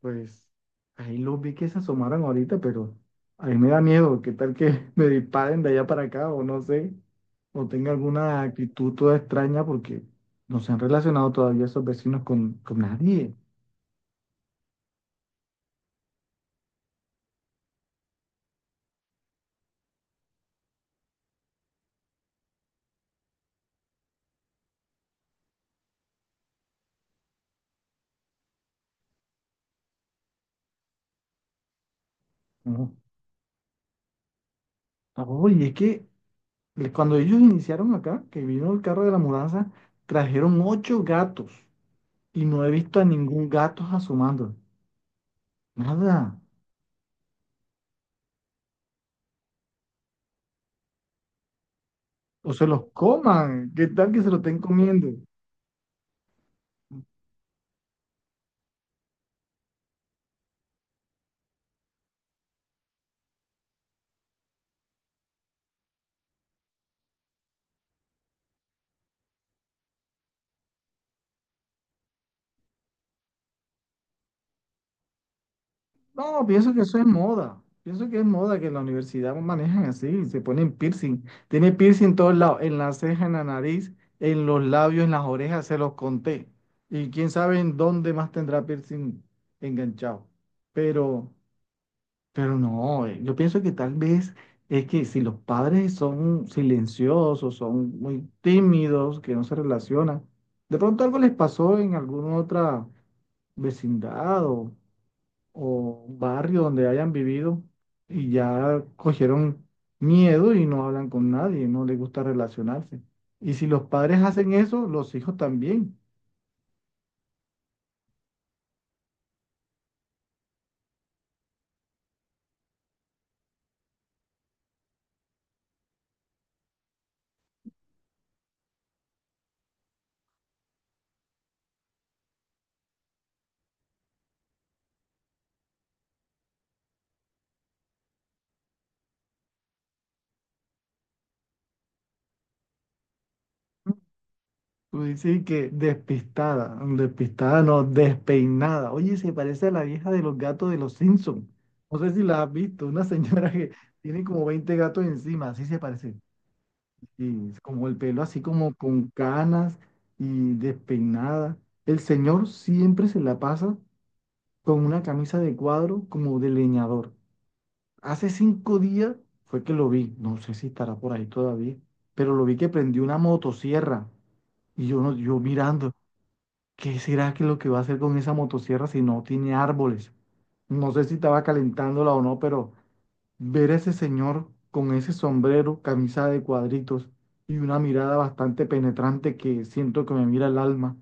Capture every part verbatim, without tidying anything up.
Pues ahí los vi que se asomaron ahorita, pero a mí me da miedo. ¿Qué tal que me disparen de allá para acá o no sé? O tenga alguna actitud toda extraña porque no se han relacionado todavía esos vecinos con, con nadie. No. Oye, es que le- cuando ellos iniciaron acá, que vino el carro de la mudanza, trajeron ocho gatos y no he visto a ningún gato asomando. Nada. O se los coman. ¿Qué tal que se lo estén comiendo? No, pienso que eso es moda. Pienso que es moda que en la universidad manejan así, se ponen piercing. Tiene piercing en todos lados, en la ceja, en la nariz, en los labios, en las orejas, se los conté. Y quién sabe en dónde más tendrá piercing enganchado. Pero, pero no, eh, yo pienso que tal vez es que si los padres son silenciosos, son muy tímidos, que no se relacionan, de pronto algo les pasó en alguna otra vecindad o o barrio donde hayan vivido y ya cogieron miedo y no hablan con nadie, no les gusta relacionarse. Y si los padres hacen eso, los hijos también. Tú dices que despistada, despistada no, despeinada. Oye, se parece a la vieja de los gatos de los Simpson. No sé si la has visto, una señora que tiene como veinte gatos encima, así se parece. Y es como el pelo así como con canas y despeinada. El señor siempre se la pasa con una camisa de cuadro como de leñador. Hace cinco días fue que lo vi, no sé si estará por ahí todavía, pero lo vi que prendió una motosierra y yo, no, yo mirando, ¿qué será que lo que va a hacer con esa motosierra si no tiene árboles? No sé si estaba calentándola o no, pero ver a ese señor con ese sombrero, camisa de cuadritos y una mirada bastante penetrante que siento que me mira el alma,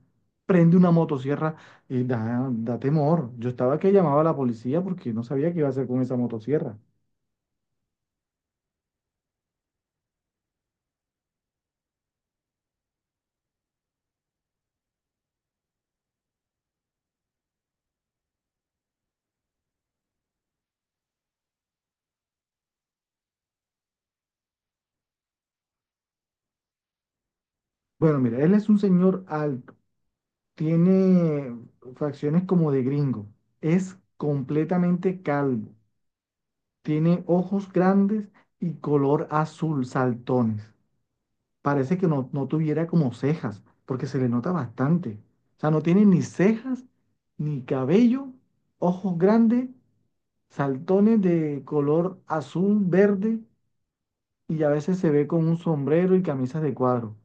prende una motosierra y da, da temor. Yo estaba que llamaba a la policía porque no sabía qué iba a hacer con esa motosierra. Bueno, mira, él es un señor alto, tiene facciones como de gringo, es completamente calvo, tiene ojos grandes y color azul saltones. Parece que no, no tuviera como cejas, porque se le nota bastante. O sea, no tiene ni cejas, ni cabello, ojos grandes, saltones de color azul, verde, y a veces se ve con un sombrero y camisas de cuadro.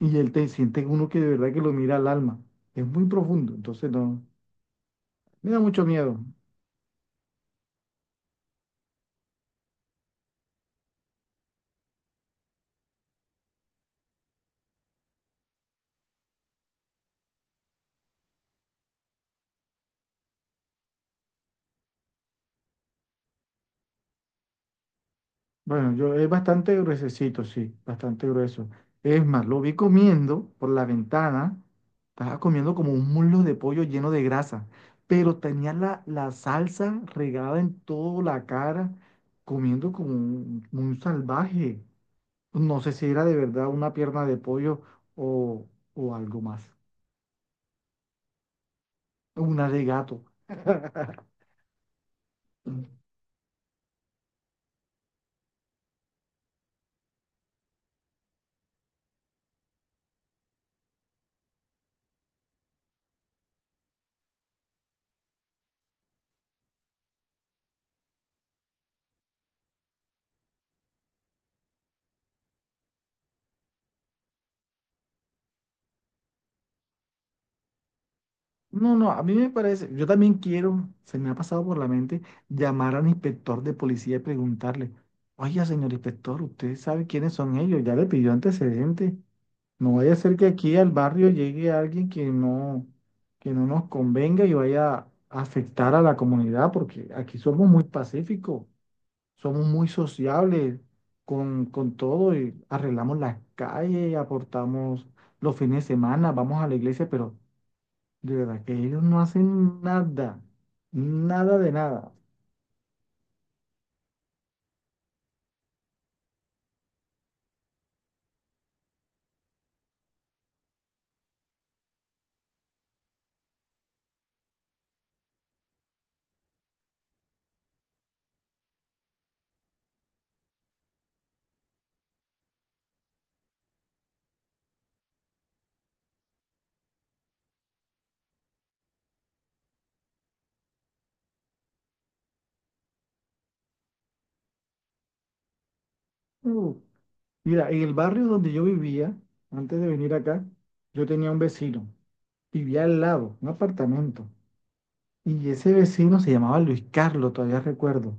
Y él te siente uno que de verdad que lo mira al alma. Es muy profundo, entonces no, me da mucho miedo. Bueno, yo es bastante gruesecito, sí, bastante grueso. Es más, lo vi comiendo por la ventana. Estaba comiendo como un muslo de pollo lleno de grasa, pero tenía la, la salsa regada en toda la cara, comiendo como un, un salvaje. No sé si era de verdad una pierna de pollo o, o algo más, una de gato. No, no, a mí me parece, yo también quiero, se me ha pasado por la mente llamar al inspector de policía y preguntarle, oiga, señor inspector, ¿usted sabe quiénes son ellos? Ya le pidió antecedentes. No vaya a ser que aquí al barrio llegue alguien que no, que no nos convenga y vaya a afectar a la comunidad, porque aquí somos muy pacíficos, somos muy sociables con, con todo y arreglamos las calles, aportamos los fines de semana, vamos a la iglesia, pero de verdad que ellos no hacen nada, nada de nada. Uh, Mira, en el barrio donde yo vivía, antes de venir acá, yo tenía un vecino, vivía al lado, un apartamento, y ese vecino se llamaba Luis Carlos, todavía recuerdo.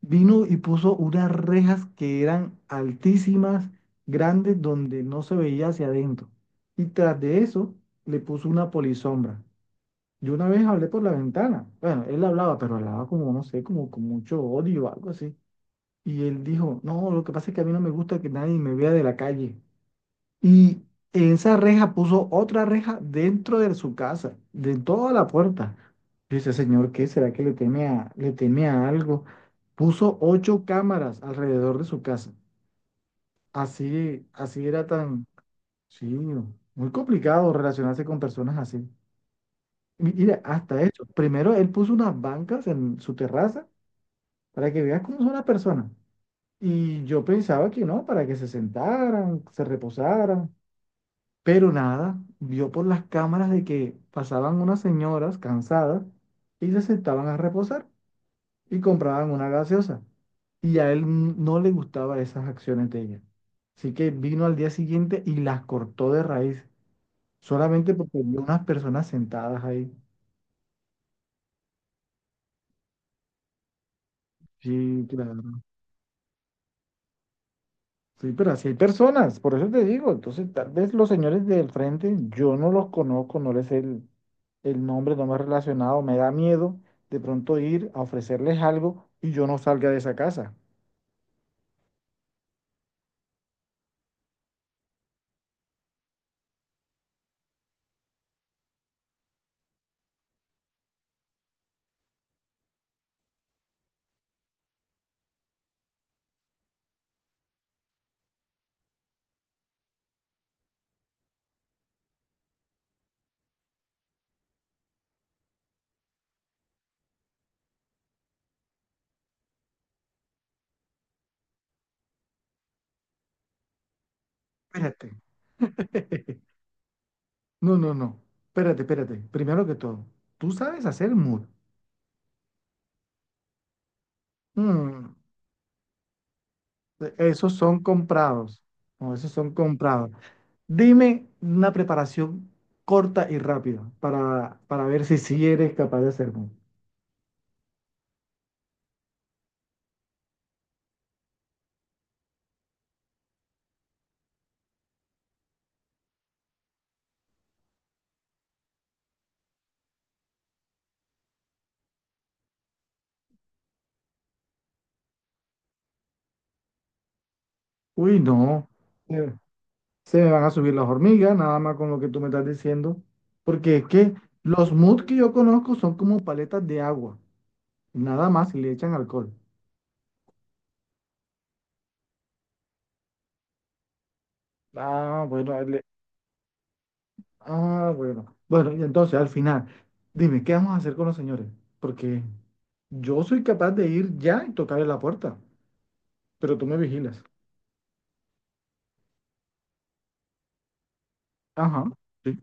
Vino y puso unas rejas que eran altísimas, grandes, donde no se veía hacia adentro. Y tras de eso, le puso una polisombra. Yo una vez hablé por la ventana. Bueno, él hablaba, pero hablaba como, no sé, como con mucho odio o algo así. Y él dijo, no, lo que pasa es que a mí no me gusta que nadie me vea de la calle. Y en esa reja puso otra reja dentro de su casa, de toda la puerta. Yo dice, señor, ¿qué será que le teme a, le teme a algo? Puso ocho cámaras alrededor de su casa. Así, así era tan, sí, muy complicado relacionarse con personas así. Mi- Mira, hasta eso. Primero él puso unas bancas en su terraza para que veas cómo son las personas. Y yo pensaba que no, para que se sentaran, se reposaran, pero nada, vio por las cámaras de que pasaban unas señoras cansadas y se sentaban a reposar y compraban una gaseosa. Y a él n- no le gustaban esas acciones de ella. Así que vino al día siguiente y las cortó de raíz, solamente porque vio unas personas sentadas ahí. Sí, claro. Sí, pero así hay personas, por eso te digo. Entonces, tal vez los señores del frente, yo no los conozco, no les sé el, el nombre, no me he relacionado, me da miedo de pronto ir a ofrecerles algo y yo no salga de esa casa. Espérate. No, no, no. Espérate, espérate. Primero que todo, tú sabes hacer muro. Mm, esos son comprados. No, esos son comprados. Dime una preparación corta y rápida para, para ver si sí eres capaz de hacerlo. Uy, no, eh, se me van a subir las hormigas, nada más con lo que tú me estás diciendo, porque es que los mods que yo conozco son como paletas de agua, nada más y le echan alcohol. Ah, bueno, le- ah, bueno. Bueno, y entonces al final, dime, ¿qué vamos a hacer con los señores? Porque yo soy capaz de ir ya y tocarle la puerta, pero tú me vigilas. Ajá, sí.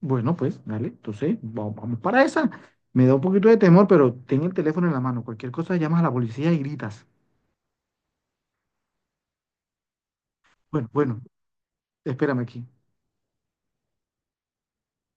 Bueno, pues, dale, entonces, va- vamos para esa. Me da un poquito de temor, pero ten el teléfono en la mano. Cualquier cosa llamas a la policía y gritas. Bueno, bueno, espérame aquí.